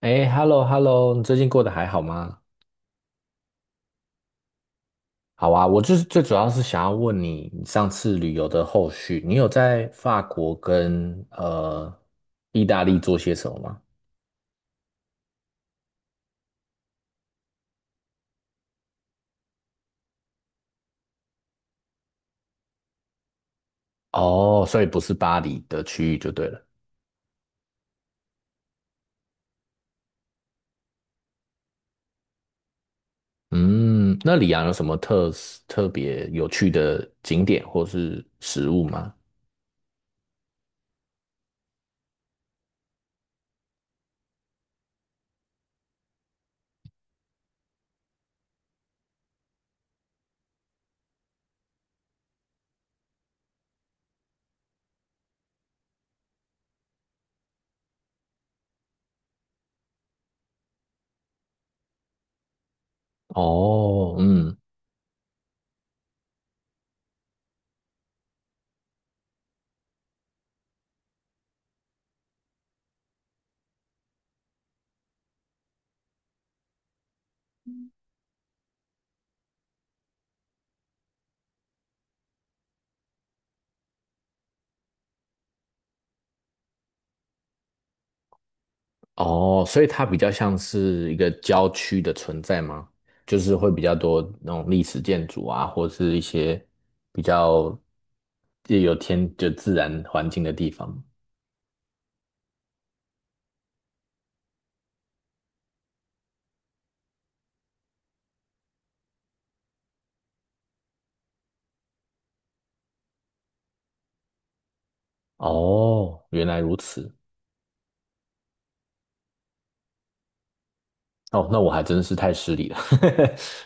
哎，hello，hello，你最近过得还好吗？好啊，我就是最主要是想要问你，你上次旅游的后续，你有在法国跟意大利做些什么吗？哦，所以不是巴黎的区域就对了。嗯，那里昂有什么特别有趣的景点或是食物吗？哦，嗯。哦，所以它比较像是一个郊区的存在吗？就是会比较多那种历史建筑啊，或是一些比较也有天就自然环境的地方。哦，原来如此。哦，那我还真是太失礼了。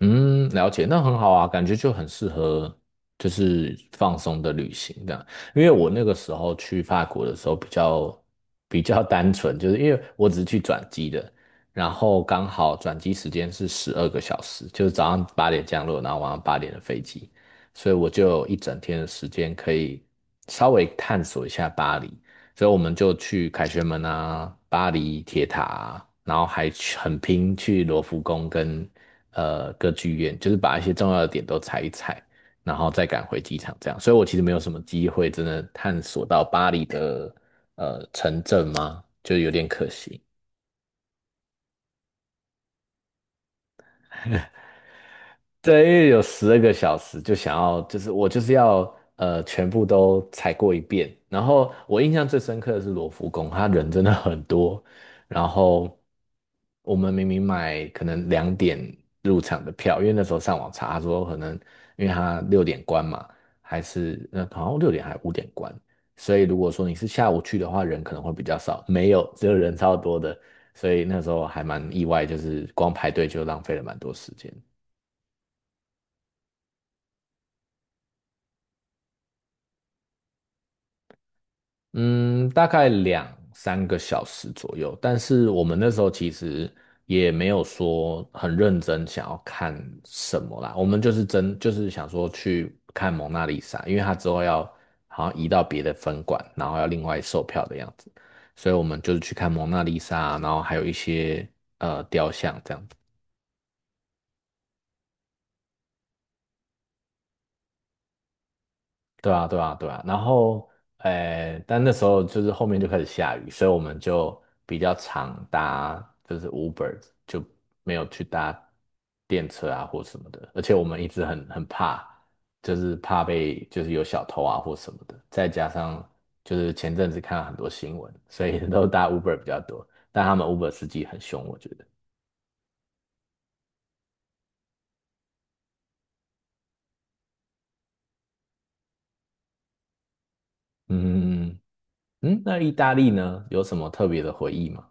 嗯，了解，那很好啊，感觉就很适合，就是放松的旅行这样。因为我那个时候去法国的时候比较单纯，就是因为我只是去转机的，然后刚好转机时间是十二个小时，就是早上八点降落，然后晚上八点的飞机，所以我就有一整天的时间可以稍微探索一下巴黎。所以我们就去凯旋门啊、巴黎铁塔啊，然后还去很拼去罗浮宫跟歌剧院，就是把一些重要的点都踩一踩，然后再赶回机场这样。所以我其实没有什么机会真的探索到巴黎的城镇嘛，就有点可惜。对，因为有十二个小时，就想要，就是我就是要全部都踩过一遍。然后我印象最深刻的是罗浮宫，它人真的很多。然后我们明明买可能2点入场的票，因为那时候上网查，他说可能因为他六点关嘛，还是那好像六点还5点关，所以如果说你是下午去的话，人可能会比较少。没有，只有人超多的，所以那时候还蛮意外，就是光排队就浪费了蛮多时间。嗯，大概两三个小时左右，但是我们那时候其实也没有说很认真想要看什么啦，我们就是真就是想说去看蒙娜丽莎，因为它之后要好像移到别的分馆，然后要另外售票的样子，所以我们就是去看蒙娜丽莎啊，然后还有一些雕像这样子。对啊，对啊，对啊。然后，诶，但那时候就是后面就开始下雨，所以我们就比较常搭就是 Uber，就没有去搭电车啊或什么的。而且我们一直很怕，就是怕被就是有小偷啊或什么的。再加上就是前阵子看了很多新闻，所以 都搭 Uber 比较多。但他们 Uber 司机很凶，我觉得。嗯嗯嗯。嗯，那意大利呢，有什么特别的回忆吗？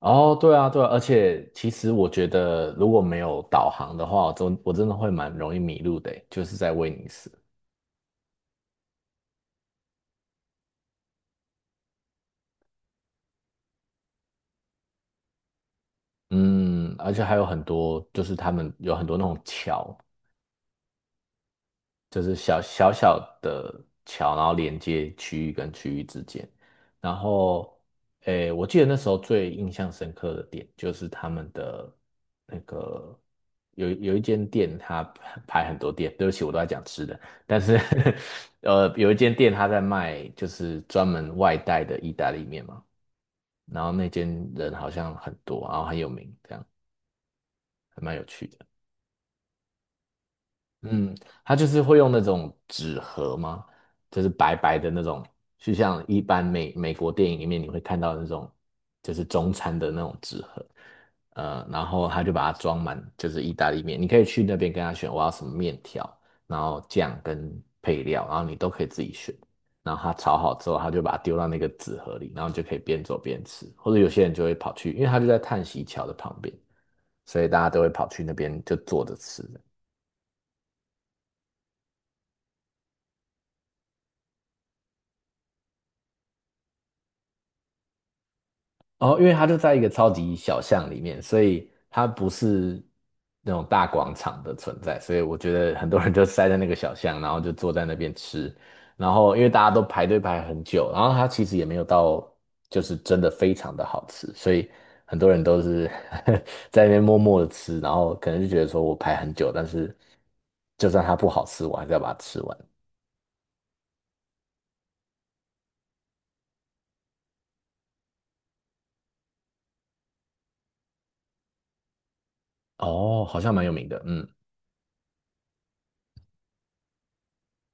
哦，对啊，对啊，而且其实我觉得，如果没有导航的话，我真的会蛮容易迷路的欸就是在威尼斯。嗯，而且还有很多，就是他们有很多那种桥，就是小小的桥，然后连接区域跟区域之间。然后，诶，我记得那时候最印象深刻的点就是他们的那个有一间店，它排很多店。对不起，我都在讲吃的，但是 有一间店他在卖就是专门外带的意大利面嘛，然后那间人好像很多，然后很有名，这样还蛮有趣的。嗯，他就是会用那种纸盒吗？就是白白的那种，就像一般美国电影里面你会看到的那种，就是中餐的那种纸盒。然后他就把它装满，就是意大利面。你可以去那边跟他选我要什么面条，然后酱跟配料，然后你都可以自己选。然后他炒好之后，他就把它丢到那个纸盒里，然后你就可以边走边吃。或者有些人就会跑去，因为他就在叹息桥的旁边，所以大家都会跑去那边就坐着吃。哦，因为它就在一个超级小巷里面，所以它不是那种大广场的存在，所以我觉得很多人就塞在那个小巷，然后就坐在那边吃，然后因为大家都排队排很久，然后它其实也没有到就是真的非常的好吃，所以很多人都是 在那边默默的吃，然后可能就觉得说我排很久，但是就算它不好吃，我还是要把它吃完。哦，好像蛮有名的，嗯，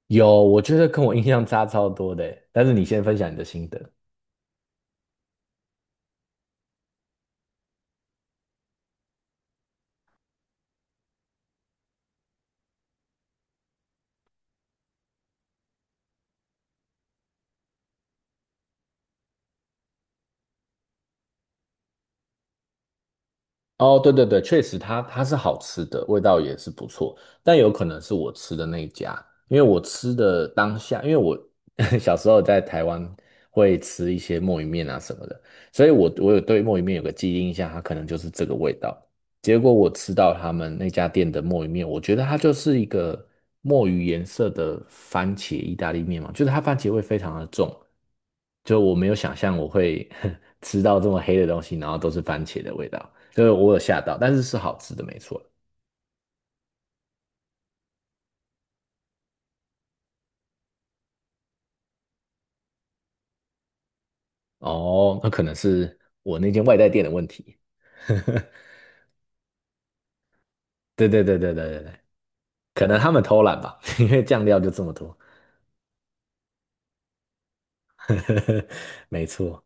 有，我觉得跟我印象差超多的欸，但是你先分享你的心得。哦，对对对，确实它是好吃的，味道也是不错，但有可能是我吃的那一家，因为我吃的当下，因为我 小时候在台湾会吃一些墨鱼面啊什么的，所以我有对墨鱼面有个记忆印象，它可能就是这个味道。结果我吃到他们那家店的墨鱼面，我觉得它就是一个墨鱼颜色的番茄意大利面嘛，就是它番茄味非常的重，就我没有想象我会 吃到这么黑的东西，然后都是番茄的味道。所以我有吓到，但是是好吃的，没错。哦，那可能是我那间外带店的问题。对对对对对对对，可能他们偷懒吧，因为酱料就这么多。没错。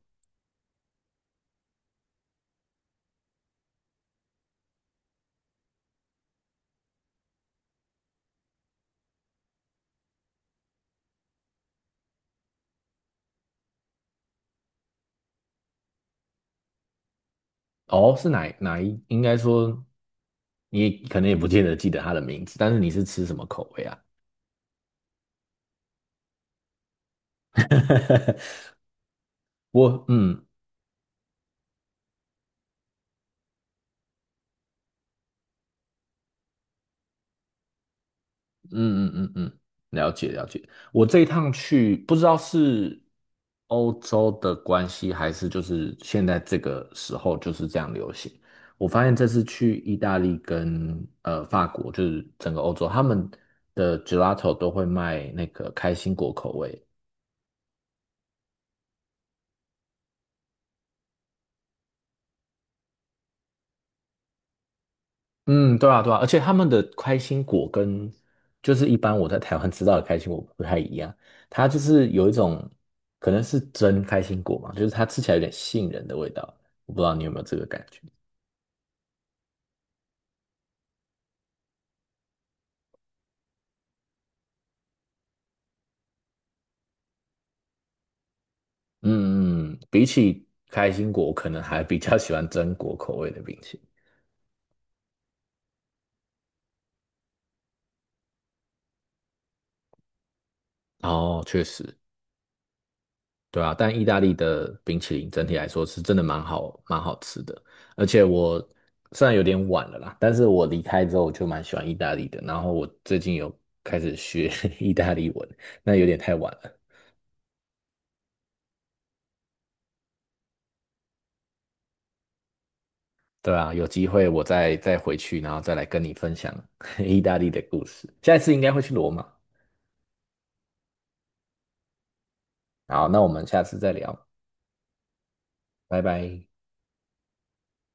哦，是哪一？应该说你可能也不见得记得它的名字，但是你是吃什么口味啊？我嗯，嗯嗯嗯嗯，了解了解。我这一趟去，不知道是欧洲的关系，还是就是现在这个时候就是这样流行。我发现这次去意大利跟法国，就是整个欧洲，他们的 gelato 都会卖那个开心果口味，嗯，对啊，对啊，而且他们的开心果跟就是一般我在台湾吃到的开心果不太一样，它就是有一种可能是真开心果嘛，就是它吃起来有点杏仁的味道，我不知道你有没有这个感觉。嗯嗯，比起开心果，我可能还比较喜欢榛果口味的冰淇淋。哦，确实，对啊，但意大利的冰淇淋整体来说是真的蛮好，蛮好吃的。而且我虽然有点晚了啦，但是我离开之后我就蛮喜欢意大利的。然后我最近有开始学 意大利文，那有点太晚了。对啊，有机会我再回去，然后再来跟你分享 意大利的故事。下一次应该会去罗马。好，那我们下次再聊，拜拜。